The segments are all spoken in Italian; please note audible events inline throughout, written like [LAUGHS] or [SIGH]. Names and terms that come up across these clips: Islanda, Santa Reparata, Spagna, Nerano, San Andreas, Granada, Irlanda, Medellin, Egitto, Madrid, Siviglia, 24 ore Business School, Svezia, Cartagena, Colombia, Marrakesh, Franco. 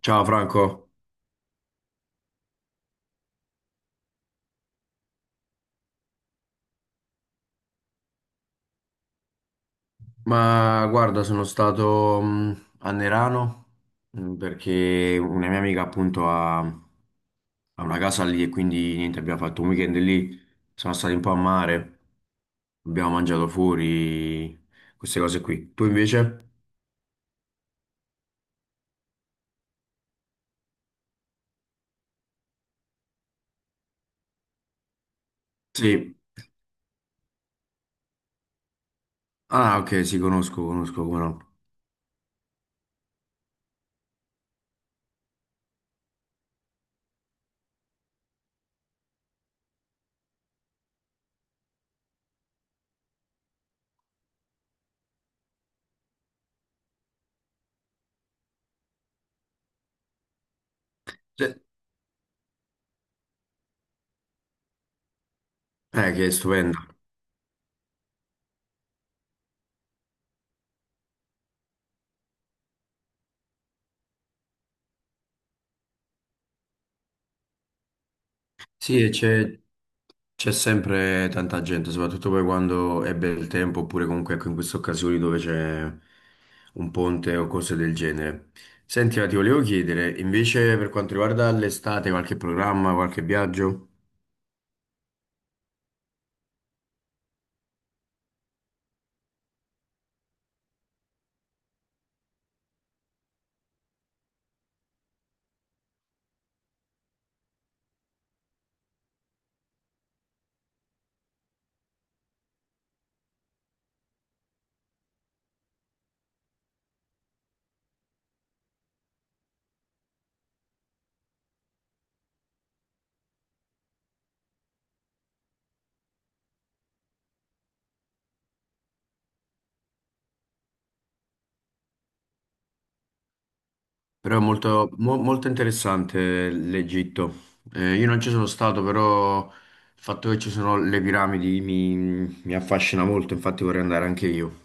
Ciao Franco, ma guarda, sono stato a Nerano perché una mia amica appunto ha una casa lì e quindi niente, abbiamo fatto un weekend lì, siamo stati un po' a mare, abbiamo mangiato fuori, queste cose qui. Tu invece? Sì. Ah, ok, sì, conosco, conosco, come no. Sì. Che è stupenda. Sì, e c'è sempre tanta gente, soprattutto poi quando è bel tempo, oppure comunque ecco, in queste occasioni dove c'è un ponte o cose del genere. Senti, ma ti volevo chiedere, invece per quanto riguarda l'estate, qualche programma, qualche viaggio? Però è molto, molto interessante l'Egitto. Io non ci sono stato, però il fatto che ci sono le piramidi mi affascina molto, infatti vorrei andare anche io.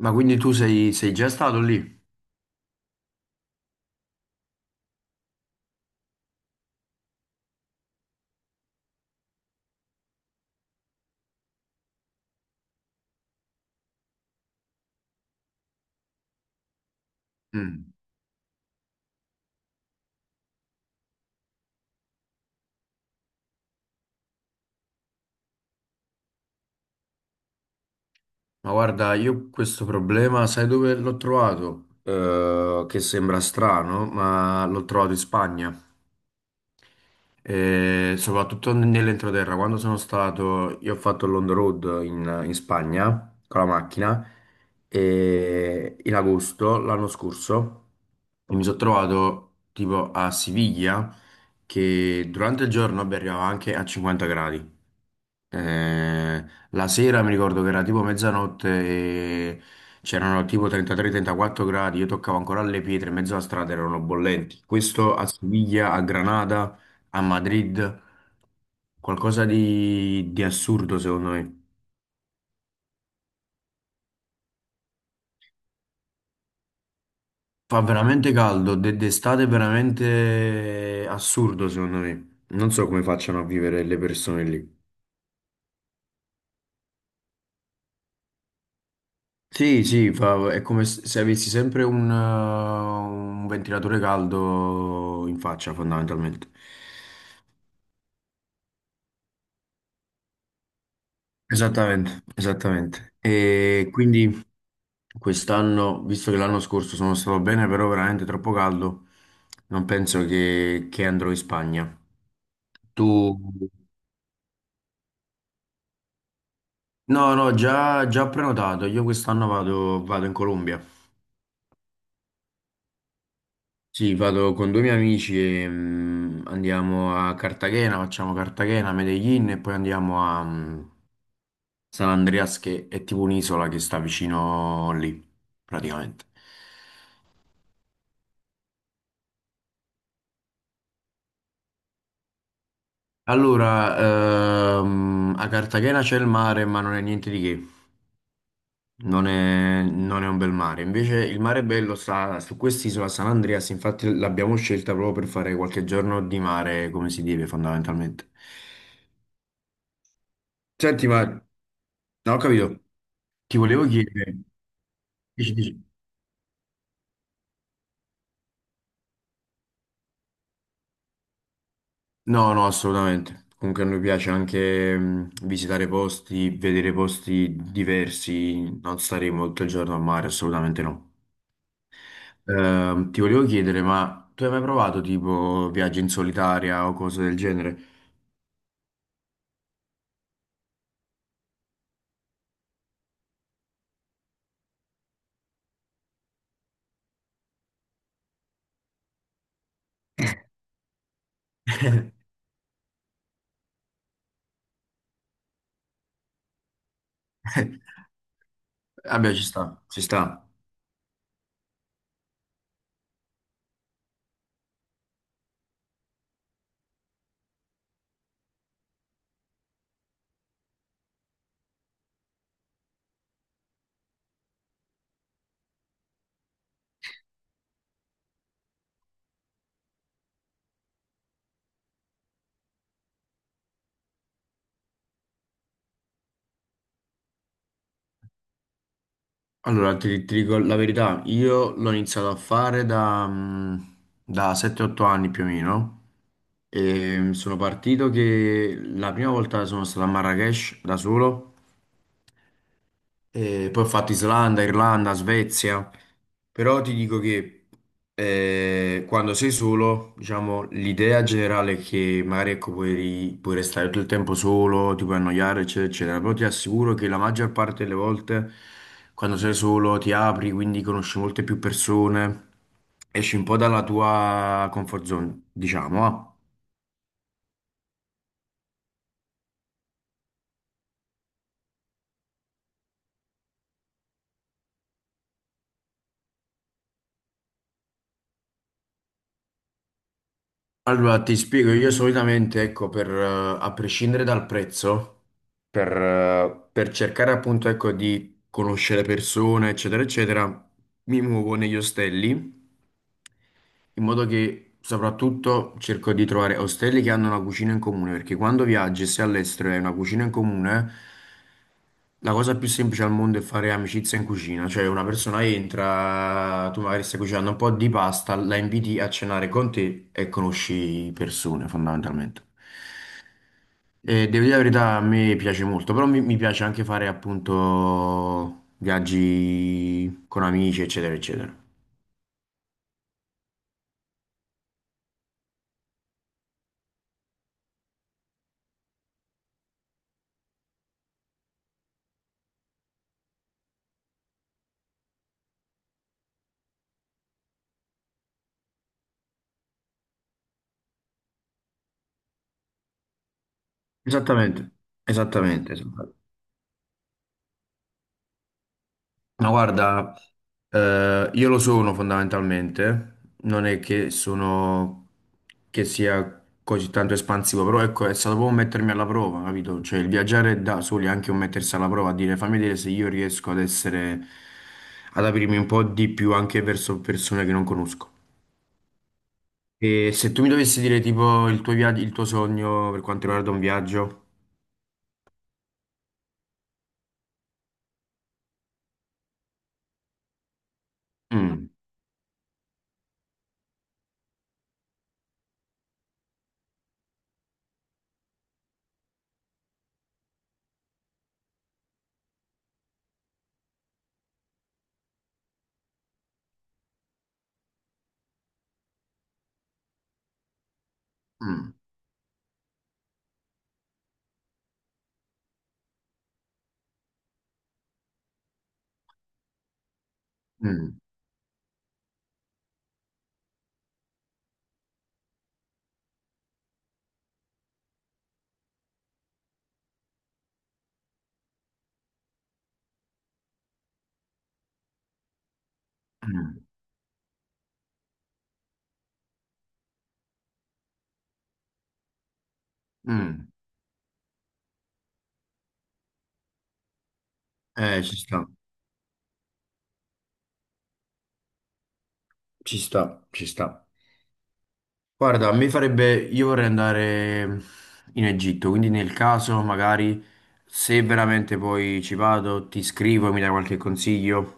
Ma quindi tu sei già stato lì? Mm. Ma guarda, io questo problema, sai dove l'ho trovato? Che sembra strano, ma l'ho trovato in Spagna. E soprattutto nell'entroterra, quando sono stato, io ho fatto l'on the road in Spagna con la macchina e in agosto l'anno scorso e mi sono trovato tipo a Siviglia che durante il giorno vabbè, arrivava anche a 50 gradi. Eh, la sera mi ricordo che era tipo mezzanotte e c'erano tipo 33-34 gradi, io toccavo ancora le pietre, in mezzo alla strada erano bollenti. Questo a Siviglia, a Granada, a Madrid, qualcosa di assurdo secondo me. Fa veramente caldo, d'estate è veramente assurdo secondo me. Non so come facciano a vivere le persone lì. Sì, sì, è come se avessi sempre un ventilatore caldo in faccia, fondamentalmente. Esattamente, esattamente. E quindi quest'anno, visto che l'anno scorso sono stato bene, però veramente troppo caldo, non penso che andrò in Spagna. Tu? No, no, già prenotato. Io quest'anno vado in Colombia. Sì, vado con due miei amici e andiamo a Cartagena, facciamo Cartagena, Medellin e poi andiamo a San Andreas che è tipo un'isola che sta vicino lì, praticamente. Allora, a Cartagena c'è il mare, ma non è niente di che, non è un bel mare. Invece il mare bello sta su quest'isola San Andreas, infatti l'abbiamo scelta proprio per fare qualche giorno di mare come si deve fondamentalmente. Senti, ma... No, ho capito. Ti volevo chiedere, dici, dici. No, no, assolutamente. Comunque a noi piace anche visitare posti, vedere posti diversi, non staremo tutto il giorno al mare, assolutamente no. Ti volevo chiedere, ma tu hai mai provato tipo viaggi in solitaria o cose del genere? [LAUGHS] Vabbè, ci sta, ci sta. Allora, ti dico la verità, io l'ho iniziato a fare da, mm, da 7-8 anni più o meno. E sono partito che la prima volta sono stato a Marrakesh da solo e poi ho fatto Islanda, Irlanda, Svezia, però ti dico che quando sei solo, diciamo, l'idea generale è che magari ecco, puoi restare tutto il tempo solo, ti puoi annoiare, eccetera, eccetera, però ti assicuro che la maggior parte delle volte quando sei solo ti apri, quindi conosci molte più persone, esci un po' dalla tua comfort zone, diciamo, ah. Allora, ti spiego, io solitamente, ecco, a prescindere dal prezzo, per cercare appunto, ecco, di conoscere persone, eccetera, eccetera, mi muovo negli ostelli in modo che soprattutto cerco di trovare ostelli che hanno una cucina in comune, perché quando viaggi e sei all'estero e hai una cucina in comune, la cosa più semplice al mondo è fare amicizia in cucina, cioè una persona entra, tu magari stai cucinando un po' di pasta, la inviti a cenare con te e conosci persone fondamentalmente. E devo dire la verità, a me piace molto, però mi piace anche fare appunto viaggi con amici, eccetera, eccetera. Esattamente, esattamente, esattamente. Ma guarda, io lo sono fondamentalmente, non è che sono che sia così tanto espansivo, però ecco, è stato proprio mettermi alla prova, capito? Cioè il viaggiare da soli è anche un mettersi alla prova, a dire fammi vedere se io riesco ad essere, ad aprirmi un po' di più anche verso persone che non conosco. E se tu mi dovessi dire tipo il tuo viaggio, il tuo sogno per quanto riguarda un viaggio, mm, mm, mm, mm, mm. Ci sta, ci sta, ci sta. Guarda, a me farebbe, io vorrei andare in Egitto, quindi nel caso magari se veramente poi ci vado, ti scrivo e mi dai qualche consiglio.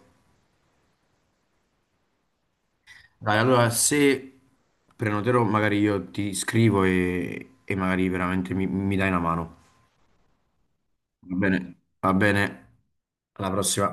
Dai, allora se prenoterò magari io ti scrivo e magari veramente mi dai una mano. Va bene, alla prossima.